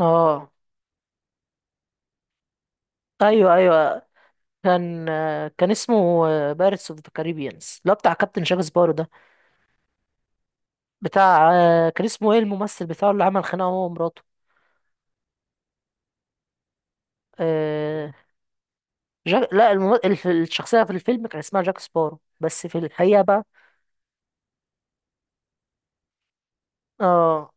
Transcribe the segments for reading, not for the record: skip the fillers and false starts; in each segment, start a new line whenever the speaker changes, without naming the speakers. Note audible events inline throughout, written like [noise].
اه. ايوه، ايوه. كان اسمه بارتس اوف ذا كاريبيانز، اللي هو بتاع كابتن جاك سبارو ده. بتاع، كان اسمه ايه الممثل بتاعه اللي عمل خناقه هو ومراته؟ آه، جاك. لا، الشخصيه في الفيلم كان اسمها جاك سبارو، بس في الحقيقه بقى. اه،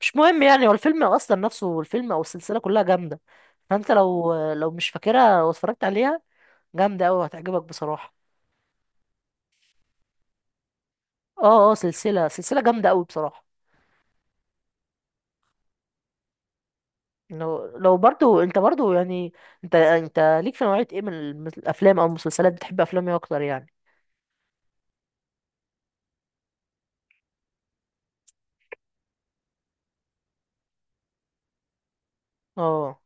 مش مهم يعني. هو الفيلم اصلا نفسه، الفيلم او السلسله كلها جامده. فانت لو مش فاكرها واتفرجت عليها، جامده قوي، هتعجبك بصراحه. اه، اه، سلسله جامده قوي بصراحه. لو برضو، انت برضو يعني، انت ليك في نوعية ايه من الافلام او المسلسلات؟ بتحب افلام ايه اكتر يعني؟ اه،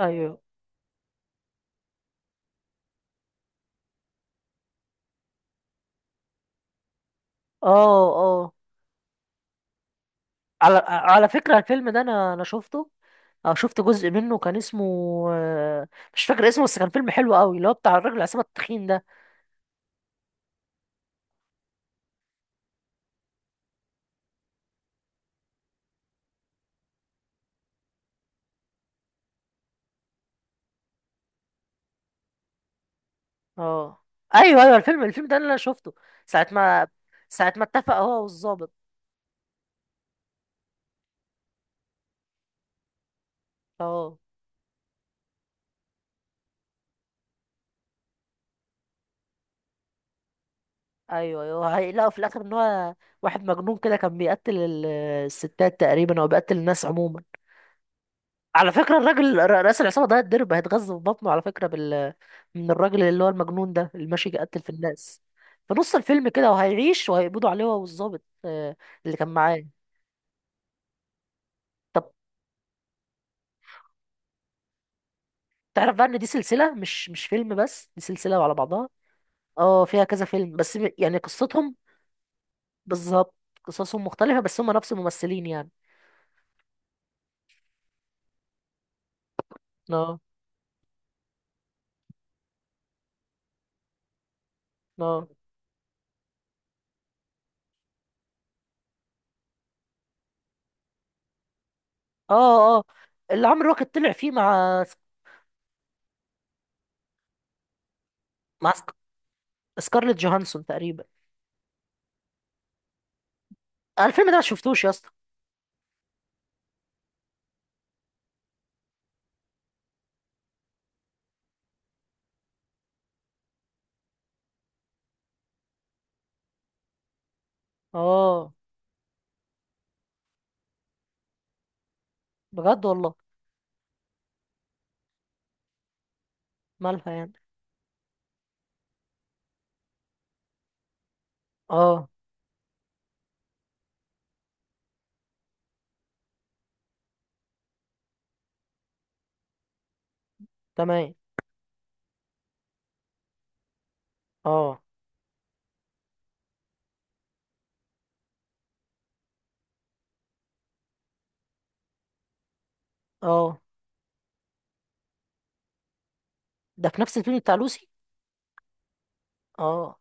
ايوه. اه، اه. على فكرة الفيلم ده انا شفته. اه، شفت جزء منه، كان اسمه، آه، مش فاكر اسمه، بس كان فيلم حلو قوي، اللي هو بتاع الراجل عصام التخين ده. اه، ايوه، ايوه، الفيلم ده انا شفته. ساعة ما ساعة ما اتفق هو والظابط. اه، ايوه، ايوه، هيلاقوا في الاخر ان هو واحد مجنون كده، كان بيقتل الستات تقريبا، او بيقتل الناس عموما. على فكرة، الراجل رئيس العصابة ده هيتضرب، هيتغذى في بطنه على فكرة من الراجل اللي هو المجنون ده اللي ماشي يقتل في الناس، في نص الفيلم كده. وهيعيش، وهيقبضوا عليه هو والظابط اللي كان معاه. طب تعرف بقى ان دي سلسلة، مش فيلم بس، دي سلسلة على بعضها. اه، فيها كذا فيلم، بس يعني قصتهم. بالظبط، قصصهم مختلفة، بس هم نفس الممثلين يعني. اه. اه. اه. اه، اللي عمرو واكد طلع فيه مع، مع سك- سكارليت جوهانسون تقريبا. أنا الفيلم ده ما شفتوش يا اسطى. اه، بجد والله. مالها يعني؟ اه. تمام. اه. اه. ده في نفس الفيلم بتاع لوسي؟ اه.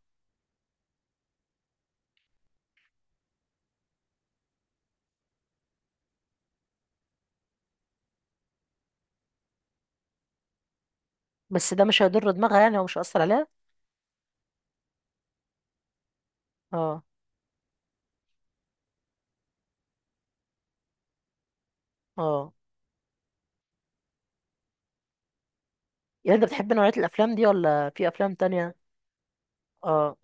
بس ده مش هيضر دماغها يعني، او مش هيأثر عليها؟ اه. اه. يعني انت بتحب نوعية الافلام دي، ولا في افلام تانية؟ اه.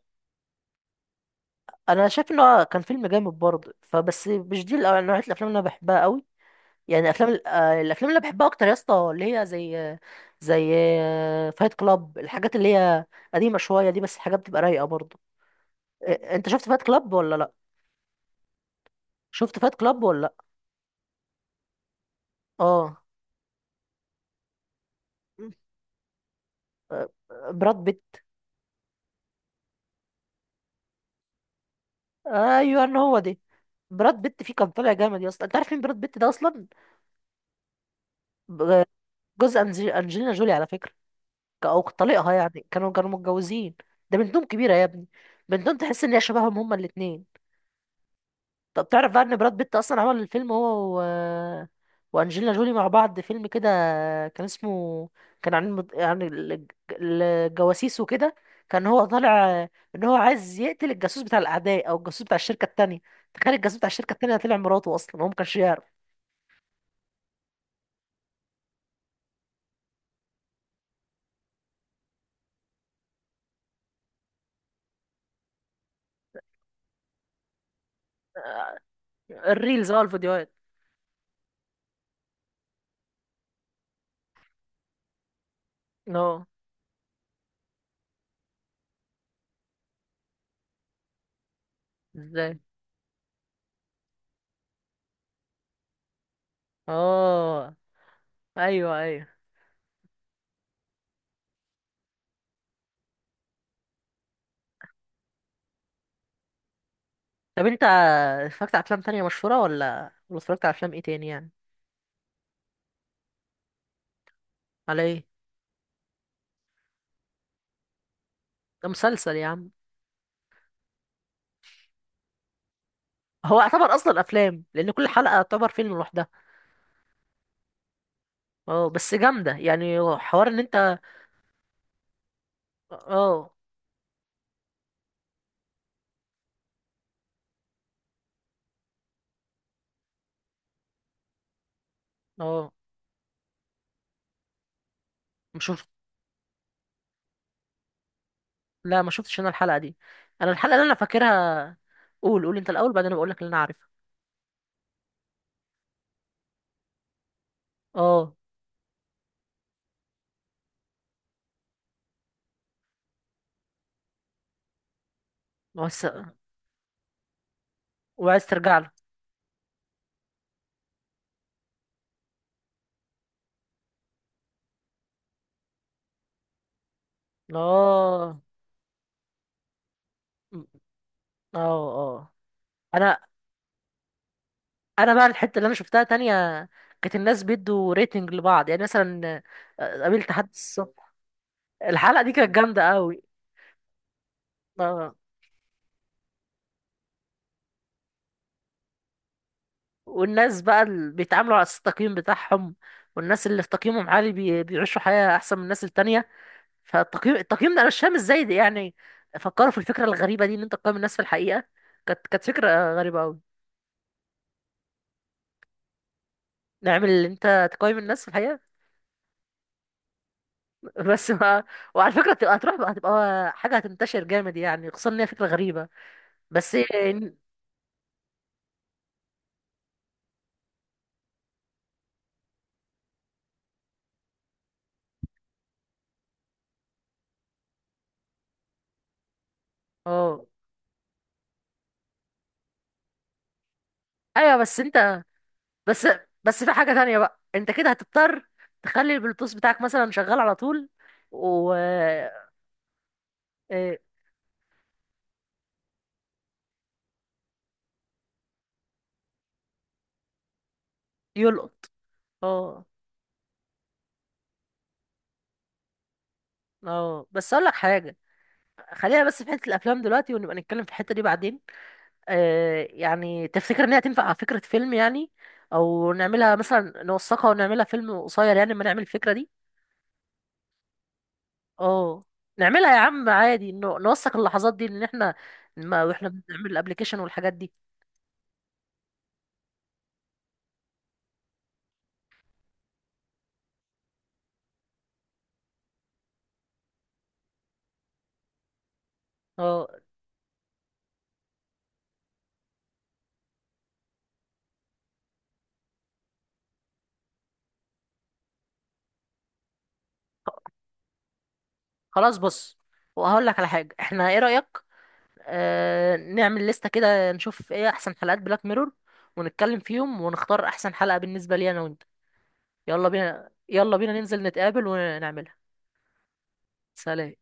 انا شايف ان هو كان فيلم جامد برضه، فبس مش دي نوعية الافلام اللي انا بحبها قوي. يعني افلام الافلام اللي بحبها اكتر يا اسطى اللي هي زي، زي فايت كلاب. الحاجات اللي هي قديمة شوية دي، بس حاجات بتبقى رايقة برضه. إيه، انت شفت فايت كلاب ولا لا؟ شفت فايت كلاب ولا لا؟ اه، براد بيت. ايوه، ان هو دي. براد بيت فيه كان طالع جامد يا اسطى. انت عارف مين براد بيت ده اصلا؟ ب- جوز انجلينا جولي على فكره. او طليقها يعني، كانوا متجوزين. ده بنتهم كبيره يا ابني. بنتهم تحس ان هي شبههم هما الاثنين. طب تعرف بقى ان براد بيت اصلا عمل الفيلم هو وانجلينا جولي مع بعض، فيلم كده كان اسمه، كان عن الجواسيس وكده. كان هو طالع ان هو عايز يقتل الجاسوس بتاع الاعداء، او الجاسوس بتاع الشركه التانية. تخيل، الجاسوس بتاع الشركه التانية طلع مراته، اصلا هو ما كانش يعرف. آه، الريلز، اه الفيديوهات. اه. ازاي؟ اه. ايوه، ايوه. طب انت اتفرجت على افلام تانية مشهوره، ولا اتفرجت على افلام ايه تاني يعني؟ على ايه؟ ده مسلسل يا عم. هو يعتبر اصلا افلام، لان كل حلقه يعتبر فيلم لوحدها. اه، بس جامده يعني، حوار ان انت. اه. اه. مش شفت؟ لا، ما شفتش انا الحلقه دي. انا الحلقه اللي انا فاكرها، قول، قول انت الاول، بعدين انا بقول لك اللي انا عارفها. اه. بس، وعايز ترجع له. اه. اه. اه. انا انا بقى الحته اللي انا شفتها تانية، كانت الناس بيدوا ريتنج لبعض، يعني مثلا قابلت حد الصبح. الحلقه دي كانت جامده قوي. والناس بقى اللي بيتعاملوا على أساس التقييم بتاعهم، والناس اللي في تقييمهم عالي بيعيشوا حياة أحسن من الناس التانية. فالتقييم ده أنا مش فاهم إزاي ده. يعني فكروا في الفكرة الغريبة دي، إن أنت تقيم الناس في الحقيقة. كانت فكرة غريبة أوي. نعمل اللي أنت تقيم الناس في الحقيقة. [laughs] بس ما... وعلى فكرة هتبقى، هتروح بقى، هتبقى حاجة هتنتشر جامد يعني، خصوصا إن هي فكرة غريبة. بس إن- اه، أيوه، بس أنت. بس بس في حاجة تانية بقى، أنت كده هتضطر تخلي البلوتوث بتاعك مثلا شغال على طول. إيه، يلقط. اه. اه، بس اقول لك حاجه، خلينا بس في حته الافلام دلوقتي، ونبقى نتكلم في الحته دي بعدين. آه، يعني تفتكر ان هي تنفع فكره فيلم يعني؟ او نعملها مثلا، نوثقها ونعملها فيلم قصير يعني لما نعمل الفكره دي؟ اه، نعملها يا عم عادي، نوثق اللحظات دي، ان احنا، ما واحنا بنعمل الابليكيشن والحاجات دي. اه. خلاص، بص، وهقول لك على حاجه، احنا ايه رايك نعمل لستة كده، نشوف ايه احسن حلقات بلاك ميرور، ونتكلم فيهم ونختار احسن حلقة بالنسبة لي انا وانت؟ يلا بينا، يلا بينا ننزل نتقابل ونعملها. سلام.